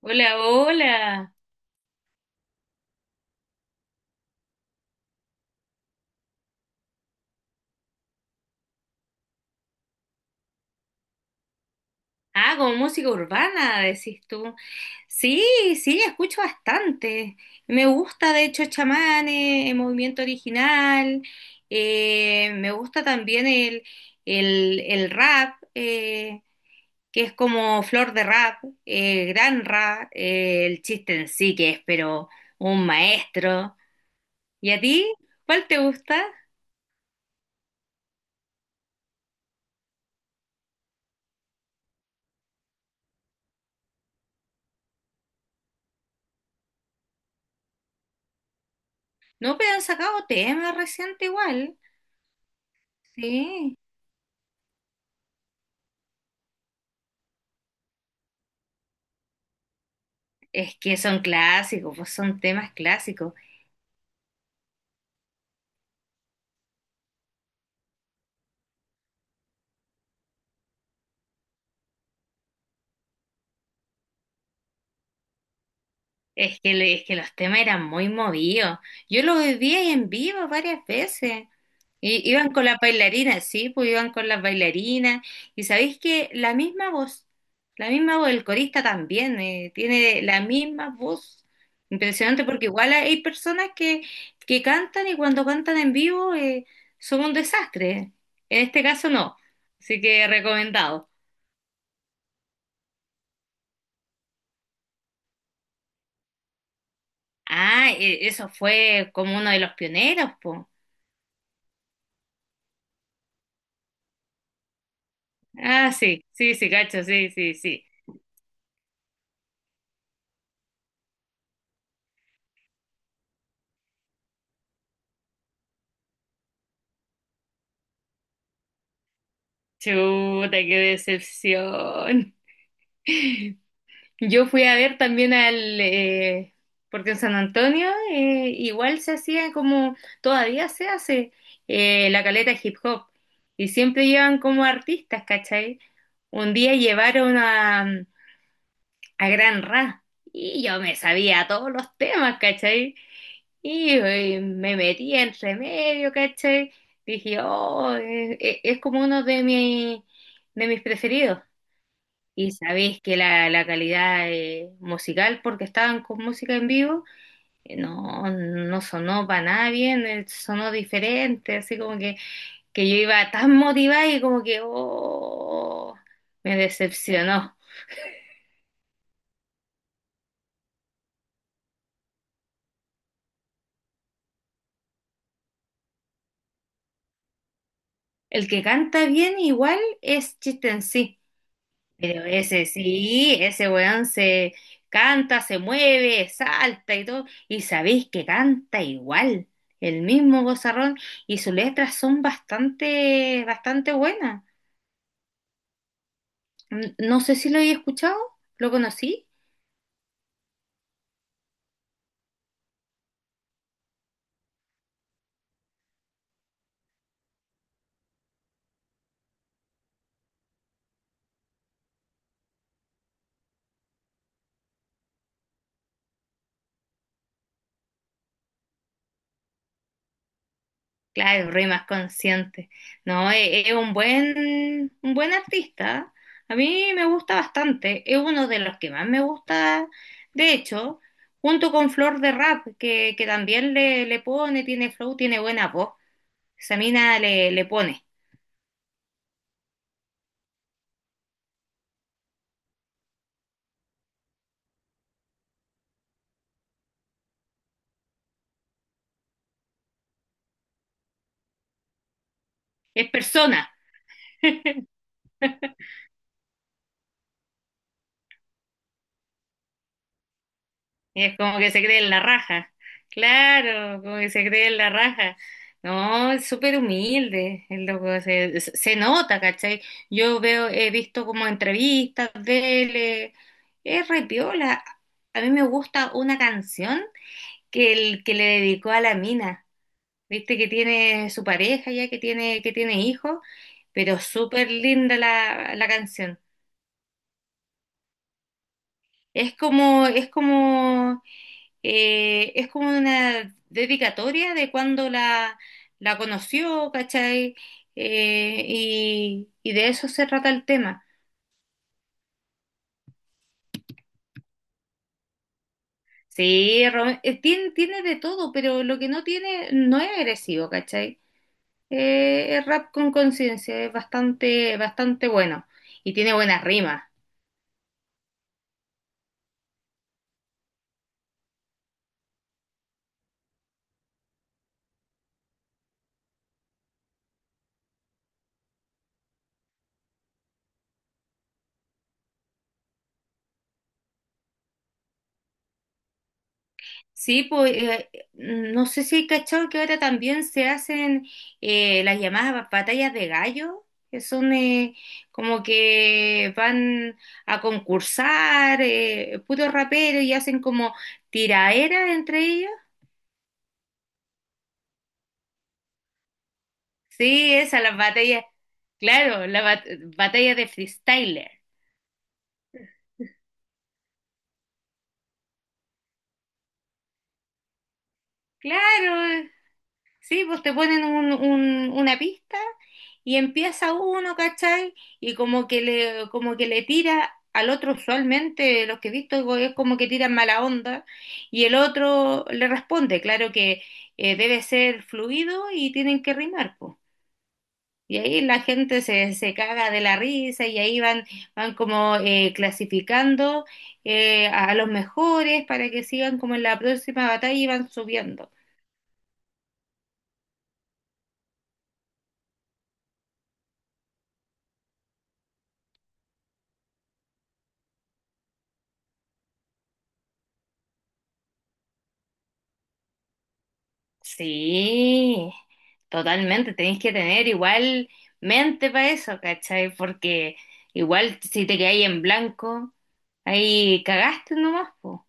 Hola, hola. Ah, como música urbana, decís tú. Sí, sí, escucho bastante. Me gusta, de hecho, Chamanes, el Movimiento Original. Me gusta también el rap, que es como Flor de Rap, Gran Rap, el Chiste en Sí que es, pero un maestro. ¿Y a ti? ¿Cuál te gusta? No, pero han sacado temas reciente igual. Sí. Es que son clásicos, pues son temas clásicos. Es que, es que los temas eran muy movidos. Yo lo viví ahí en vivo varias veces. Y iban con las bailarinas, sí, pues iban con las bailarinas. Y sabéis que la misma voz, el corista también, tiene la misma voz. Impresionante porque igual hay personas que cantan y cuando cantan en vivo son un desastre. En este caso no. Así que recomendado. Ah, eso fue como uno de los pioneros, po. Ah, sí, sí, sí, cacho, sí, sí, sí. Chuta, qué decepción. Yo fui a ver también al, porque en San Antonio igual se hacía como, todavía se hace la caleta hip hop y siempre llevan como artistas, ¿cachai? Un día llevaron a Gran Ra y yo me sabía todos los temas, ¿cachai? Y me metí entre medio, ¿cachai? Dije, oh, es, como uno de mis preferidos. Y sabéis que la calidad musical, porque estaban con música en vivo, no sonó para nada bien, sonó diferente, así como que yo iba tan motivada y como que, oh, me decepcionó. El que canta bien igual es Chiste en Sí. Pero ese sí, ese weón se canta, se mueve, salta y todo. Y sabéis que canta igual, el mismo gozarrón. Y sus letras son bastante buenas. No sé si lo he escuchado, ¿lo conocí? Claro, re más consciente. No, es un buen artista. A mí me gusta bastante. Es uno de los que más me gusta, de hecho, junto con Flor de Rap, que también le pone, tiene flow, tiene buena voz. Esa mina le pone. Es persona. Y es como que se cree en la raja. Claro, como que se cree en la raja. No, es súper humilde el loco. Se nota, ¿cachai? Yo veo, he visto como entrevistas de él. Es re piola. A mí me gusta una canción que, el, que le dedicó a la mina. Viste que tiene su pareja ya, que tiene hijos, pero súper linda la canción. Es como, es como es como una dedicatoria de cuando la conoció, ¿cachai? Y y de eso se trata el tema. Sí, tiene, tiene de todo, pero lo que no tiene no es agresivo, ¿cachai? Es rap con conciencia, es bastante bueno y tiene buenas rimas. Sí, pues no sé si hay cachado que ahora también se hacen las llamadas batallas de gallo, que son como que van a concursar puros raperos y hacen como tiraera entre ellos. Sí, esas las batallas, claro, batallas de freestyler. Claro, sí, pues te ponen una pista y empieza uno, ¿cachai? Y como que le tira al otro, usualmente los que he visto es como que tiran mala onda y el otro le responde, claro que debe ser fluido y tienen que rimar, pues. Y ahí la gente se, se caga de la risa y ahí van, van como clasificando a los mejores para que sigan como en la próxima batalla y van subiendo. Sí, totalmente, tenéis que tener igual mente para eso, ¿cachai? Porque igual si te quedáis en blanco, ahí cagaste nomás, pues.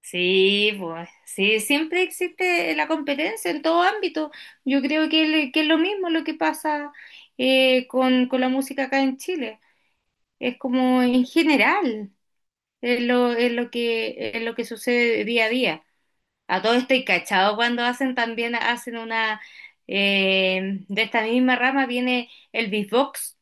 Sí, pues, sí, siempre existe la competencia en todo ámbito. Yo creo que, que es lo mismo lo que pasa con la música acá en Chile. Es como en general, es lo que sucede día a día. A todo esto y cachado cuando hacen también, hacen una, de esta misma rama viene el beatbox.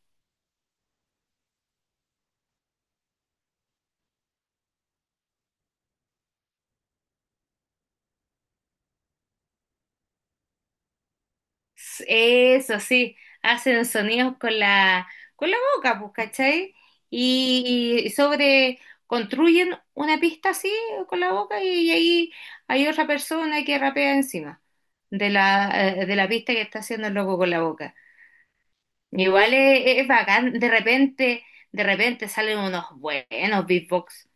S- eso sí, hacen sonidos con la boca, pues, ¿cachai? Y sobre, construyen una pista así con la boca y, ahí hay otra persona que rapea encima de de la pista que está haciendo el loco con la boca. Igual es bacán, de repente salen unos buenos beatbox.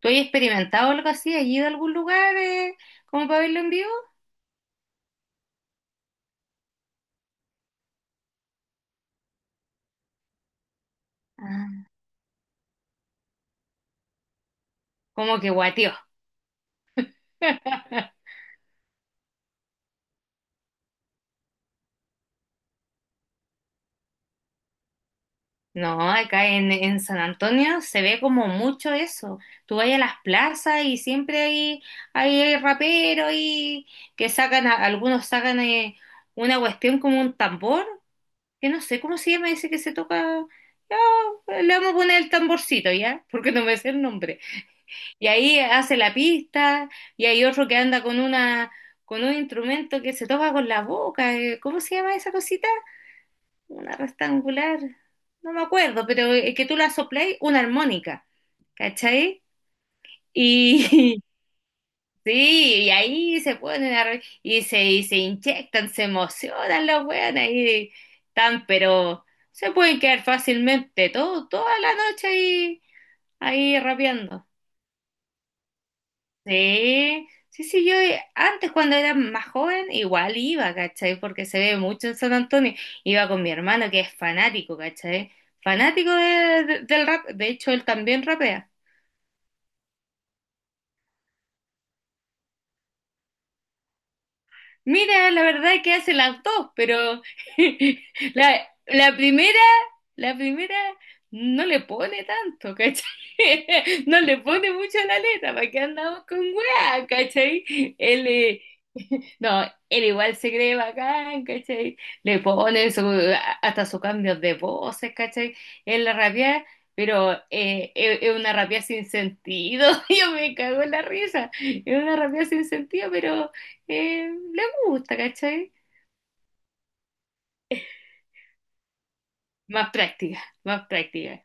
¿Tú has experimentado algo así? ¿Has ido a algún lugar como para verlo en vivo? Ah, como que guateó. No, acá en San Antonio se ve como mucho eso. Tú vas a las plazas y siempre hay, hay raperos y que sacan, algunos sacan una cuestión como un tambor, que no sé cómo se llama ese que se toca. Ya, le vamos a poner el tamborcito, ¿ya? Porque no me sé el nombre. Y ahí hace la pista, y hay otro que anda con una, con un instrumento que se toca con la boca. ¿Cómo se llama esa cosita? Una rectangular. No me acuerdo, pero que tú la sopléis, una armónica. ¿Cachai? Y sí, y ahí se ponen a y se inyectan, se emocionan las weonas y tan, pero se pueden quedar fácilmente todo, toda la noche ahí, ahí rapeando. Sí, sí, sí, yo antes cuando era más joven igual iba, ¿cachai? Porque se ve mucho en San Antonio. Iba con mi hermano que es fanático, ¿cachai? Fanático del rap. De hecho, él también rapea. Mira, la verdad que hacen las dos, pero la, la primera, la primera no le pone tanto, ¿cachai? No le pone mucho a la letra, ¿para qué andamos con weá, ¿cachai? Él, no, él igual se cree bacán, ¿cachai? Le pone su- hasta sus cambios de voces, ¿cachai? En la rabia, pero es una rabia sin sentido, yo me cago en la risa, es una rabia sin sentido, pero le gusta, ¿cachai? Más práctica, más práctica.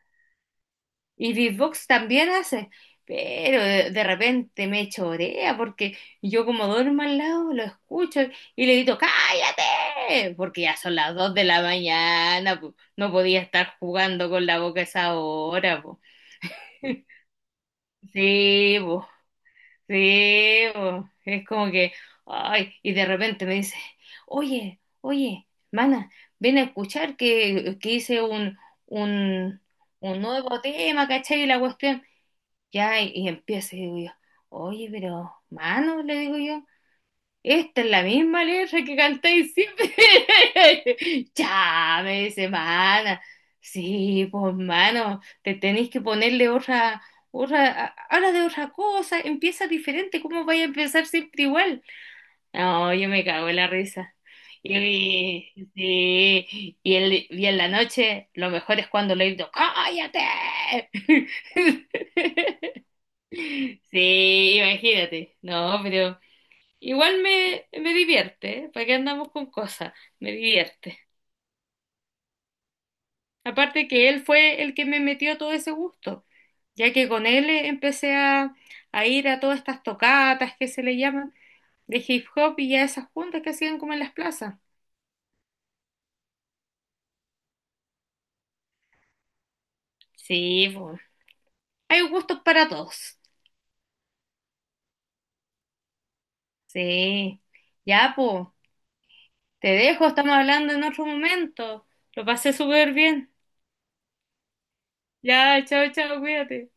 Y beatbox también hace, pero de repente me chorea porque yo como duermo al lado lo escucho y le grito, ¡cállate! Porque ya son las 2 de la mañana, po. No podía estar jugando con la boca a esa hora, po. Sí, po. Sí, po, es como que, ay, y de repente me dice, oye, oye, mana, ven a escuchar que hice un, un nuevo tema, ¿cachai? Y la cuestión, ya, y empieza, y digo yo, oye, pero, mano, le digo yo, esta es la misma letra que cantáis siempre. Ya, me dice, mana. Sí, pues, mano, te tenéis que ponerle otra, habla de otra cosa, empieza diferente, ¿cómo vais a empezar siempre igual? No, yo me cago en la risa. Y, sí, y, y en la noche, lo mejor es cuando le digo, ¡cállate! Sí, imagínate. No, pero. Igual me, me divierte, ¿eh? ¿Para qué andamos con cosas? Me divierte. Aparte que él fue el que me metió todo ese gusto, ya que con él empecé a ir a todas estas tocatas que se le llaman de hip hop y a esas juntas que hacían como en las plazas. Sí, pues. Hay gustos para todos. Sí. Ya, pues. Te dejo, estamos hablando en otro momento. Lo pasé súper bien. Ya, chao, chao, cuídate.